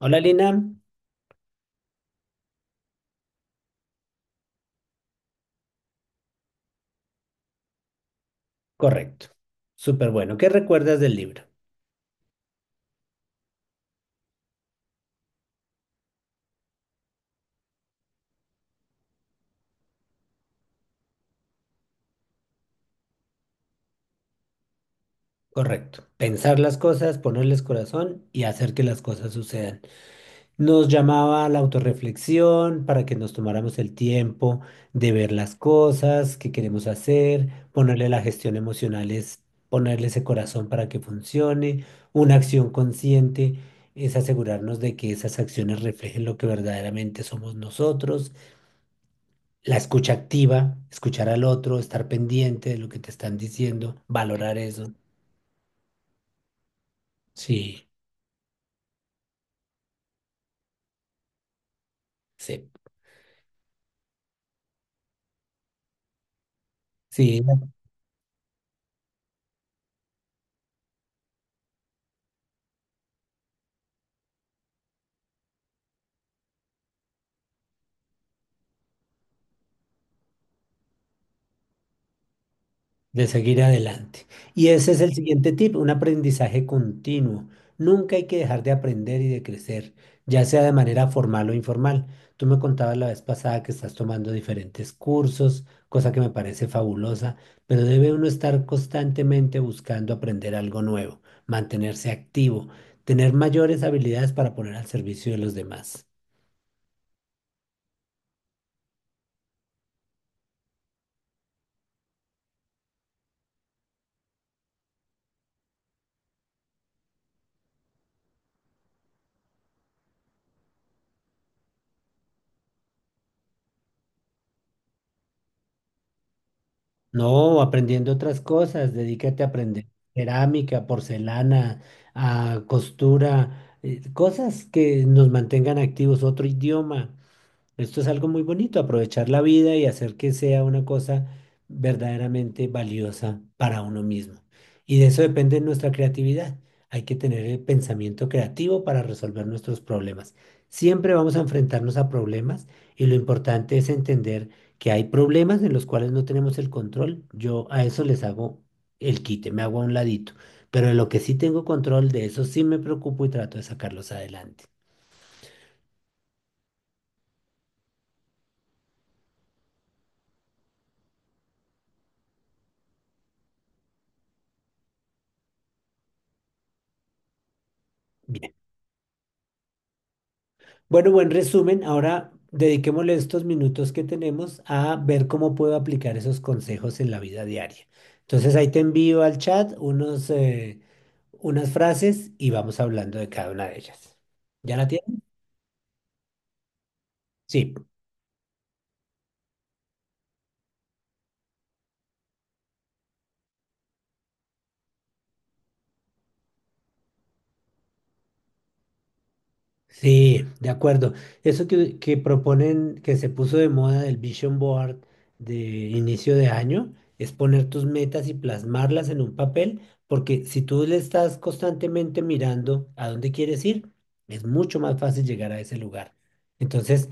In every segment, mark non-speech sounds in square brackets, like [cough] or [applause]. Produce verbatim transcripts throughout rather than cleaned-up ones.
Hola Lina, correcto. Súper bueno. ¿Qué recuerdas del libro? Correcto. Pensar las cosas, ponerles corazón y hacer que las cosas sucedan. Nos llamaba a la autorreflexión para que nos tomáramos el tiempo de ver las cosas que queremos hacer, ponerle la gestión emocional es ponerle ese corazón para que funcione. Una acción consciente es asegurarnos de que esas acciones reflejen lo que verdaderamente somos nosotros. La escucha activa, escuchar al otro, estar pendiente de lo que te están diciendo, valorar eso. Sí, sí, sí. De seguir adelante. Y ese es el siguiente tip, un aprendizaje continuo. Nunca hay que dejar de aprender y de crecer, ya sea de manera formal o informal. Tú me contabas la vez pasada que estás tomando diferentes cursos, cosa que me parece fabulosa, pero debe uno estar constantemente buscando aprender algo nuevo, mantenerse activo, tener mayores habilidades para poner al servicio de los demás. No, aprendiendo otras cosas, dedícate a aprender cerámica, porcelana, a costura, eh, cosas que nos mantengan activos, otro idioma. Esto es algo muy bonito, aprovechar la vida y hacer que sea una cosa verdaderamente valiosa para uno mismo. Y de eso depende nuestra creatividad. Hay que tener el pensamiento creativo para resolver nuestros problemas. Siempre vamos a enfrentarnos a problemas y lo importante es entender que hay problemas en los cuales no tenemos el control. Yo a eso les hago el quite, me hago a un ladito. Pero de lo que sí tengo control, de eso sí me preocupo y trato de sacarlos adelante. Bueno, buen resumen. Ahora dediquémosle estos minutos que tenemos a ver cómo puedo aplicar esos consejos en la vida diaria. Entonces ahí te envío al chat unos, eh, unas frases y vamos hablando de cada una de ellas. ¿Ya la tienes? Sí. Sí, de acuerdo. Eso que, que proponen, que se puso de moda del Vision Board de inicio de año, es poner tus metas y plasmarlas en un papel, porque si tú le estás constantemente mirando a dónde quieres ir, es mucho más fácil llegar a ese lugar. Entonces,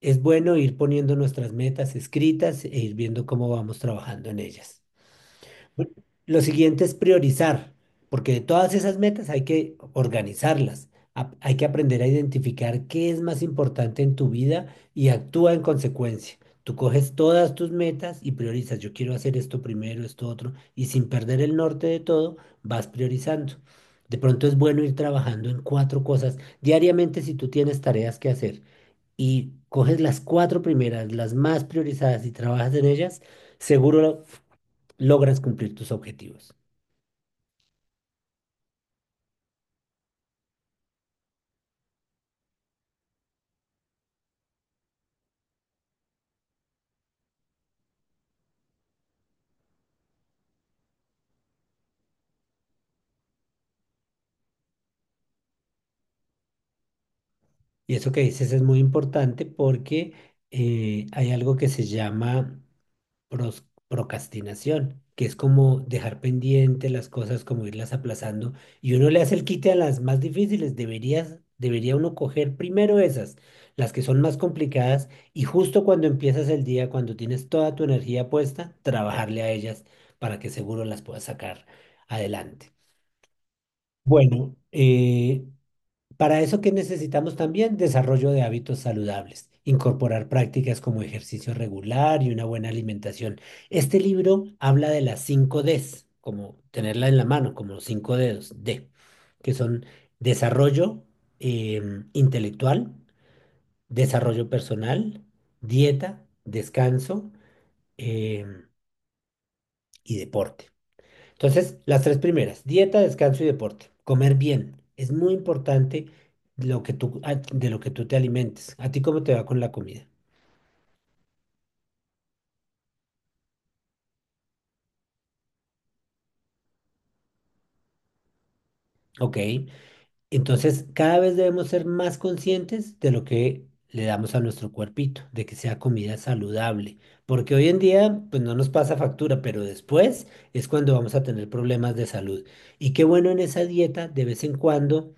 es bueno ir poniendo nuestras metas escritas e ir viendo cómo vamos trabajando en ellas. Lo siguiente es priorizar, porque de todas esas metas hay que organizarlas. Ap- Hay que aprender a identificar qué es más importante en tu vida y actúa en consecuencia. Tú coges todas tus metas y priorizas. Yo quiero hacer esto primero, esto otro, y sin perder el norte de todo, vas priorizando. De pronto es bueno ir trabajando en cuatro cosas diariamente si tú tienes tareas que hacer y coges las cuatro primeras, las más priorizadas y trabajas en ellas, seguro logras cumplir tus objetivos. Y eso que dices es muy importante porque eh, hay algo que se llama pros- procrastinación, que es como dejar pendiente las cosas, como irlas aplazando. Y uno le hace el quite a las más difíciles. Deberías, debería uno coger primero esas, las que son más complicadas, y justo cuando empiezas el día, cuando tienes toda tu energía puesta, trabajarle a ellas para que seguro las puedas sacar adelante. Bueno, eh, Para eso, ¿qué necesitamos también? Desarrollo de hábitos saludables, incorporar prácticas como ejercicio regular y una buena alimentación. Este libro habla de las cinco Ds, como tenerla en la mano, como los cinco dedos, D, que son desarrollo em, intelectual, desarrollo personal, dieta, descanso, em, y deporte. Entonces, las tres primeras, dieta, descanso y deporte. Comer bien. Es muy importante lo que tú, a- de lo que tú te alimentes. ¿A ti cómo te va con la comida? Ok. Entonces, cada vez debemos ser más conscientes de lo que le damos a nuestro cuerpito, de que sea comida saludable. Porque hoy en día, pues no nos pasa factura, pero después es cuando vamos a tener problemas de salud. Y qué bueno en esa dieta, de vez en cuando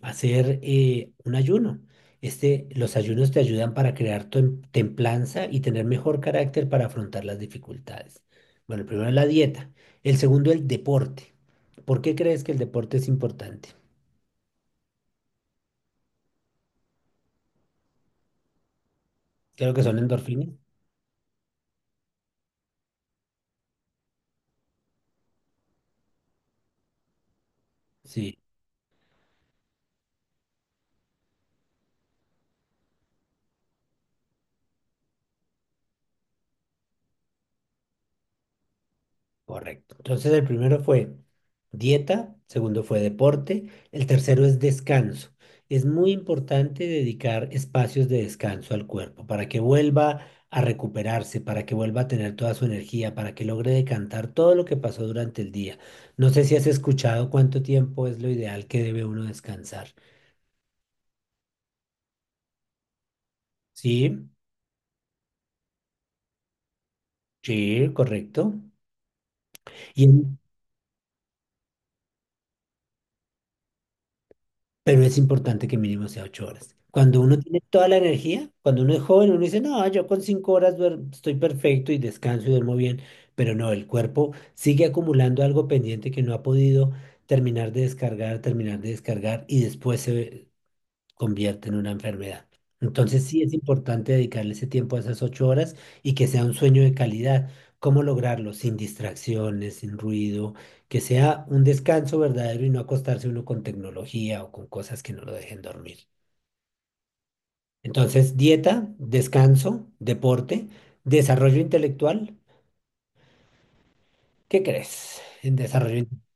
hacer eh, un ayuno. Este, los ayunos te ayudan para crear tem- templanza y tener mejor carácter para afrontar las dificultades. Bueno, el primero es la dieta, el segundo el deporte. ¿Por qué crees que el deporte es importante? Creo que son endorfinas. Sí. Correcto. Entonces el primero fue dieta, segundo fue deporte, el tercero es descanso. Es muy importante dedicar espacios de descanso al cuerpo para que vuelva a recuperarse, para que vuelva a tener toda su energía, para que logre decantar todo lo que pasó durante el día. No sé si has escuchado cuánto tiempo es lo ideal que debe uno descansar. Sí, sí, correcto. Y, pero es importante que mínimo sea ocho horas. Cuando uno tiene toda la energía, cuando uno es joven, uno dice, no, yo con cinco horas duerm- estoy perfecto y descanso y duermo bien, pero no, el cuerpo sigue acumulando algo pendiente que no ha podido terminar de descargar, terminar de descargar y después se convierte en una enfermedad. Entonces sí es importante dedicarle ese tiempo a esas ocho horas y que sea un sueño de calidad. ¿Cómo lograrlo? Sin distracciones, sin ruido, que sea un descanso verdadero y no acostarse uno con tecnología o con cosas que no lo dejen dormir. Entonces, dieta, descanso, deporte, desarrollo intelectual. ¿Qué crees en desarrollo intelectual?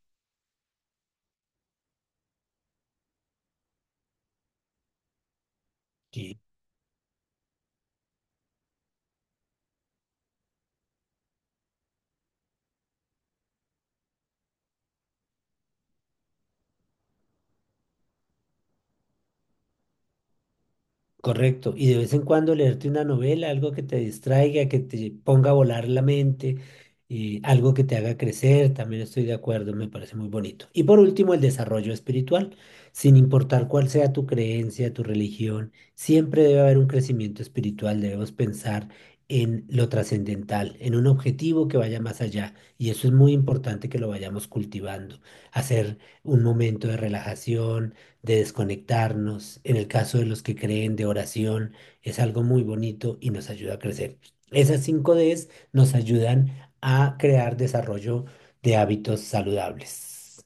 Correcto. Y de vez en cuando leerte una novela, algo que te distraiga, que te ponga a volar la mente, eh, algo que te haga crecer, también estoy de acuerdo, me parece muy bonito. Y por último, el desarrollo espiritual. Sin importar cuál sea tu creencia, tu religión, siempre debe haber un crecimiento espiritual, debemos pensar en lo trascendental, en un objetivo que vaya más allá. Y eso es muy importante que lo vayamos cultivando. Hacer un momento de relajación, de desconectarnos, en el caso de los que creen de oración, es algo muy bonito y nos ayuda a crecer. Esas cinco ds nos ayudan a crear desarrollo de hábitos saludables.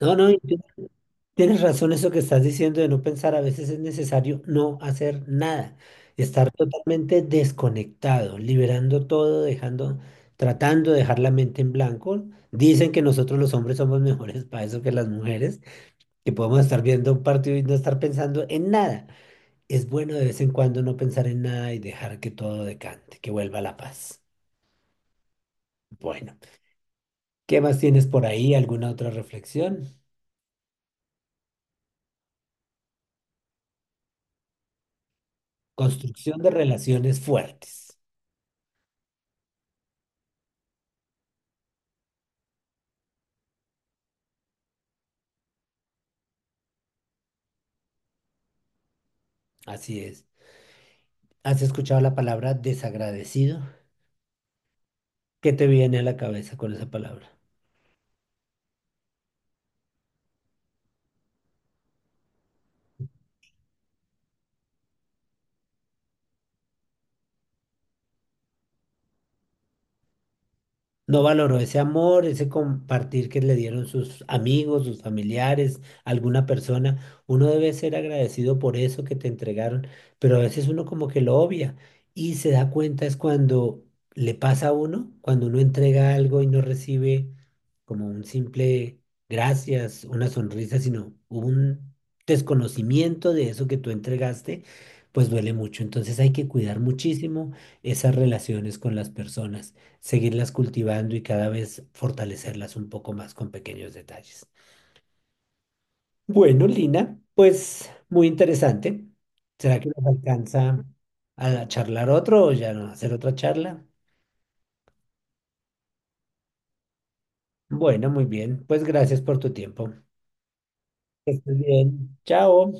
No, no, y tú tienes razón eso que estás diciendo de no pensar, a veces es necesario no hacer nada, estar totalmente desconectado, liberando todo, dejando, tratando de dejar la mente en blanco. Dicen que nosotros los hombres somos mejores [laughs] para eso que las mujeres, que podemos estar viendo un partido y no estar pensando en nada. Es bueno de vez en cuando no pensar en nada y dejar que todo decante, que vuelva la paz. Bueno, ¿qué más tienes por ahí? ¿Alguna otra reflexión? Construcción de relaciones fuertes. Así es. ¿Has escuchado la palabra desagradecido? ¿Qué te viene a la cabeza con esa palabra? No valoró ese amor, ese compartir que le dieron sus amigos, sus familiares, alguna persona. Uno debe ser agradecido por eso que te entregaron, pero a veces uno como que lo obvia y se da cuenta es cuando le pasa a uno, cuando uno entrega algo y no recibe como un simple gracias, una sonrisa, sino un desconocimiento de eso que tú entregaste, pues duele mucho. Entonces hay que cuidar muchísimo esas relaciones con las personas, seguirlas cultivando y cada vez fortalecerlas un poco más con pequeños detalles. Bueno, Lina, pues muy interesante. ¿Será que nos alcanza a charlar otro o ya no hacer otra charla? Bueno, muy bien. Pues gracias por tu tiempo. Que estés bien. Chao.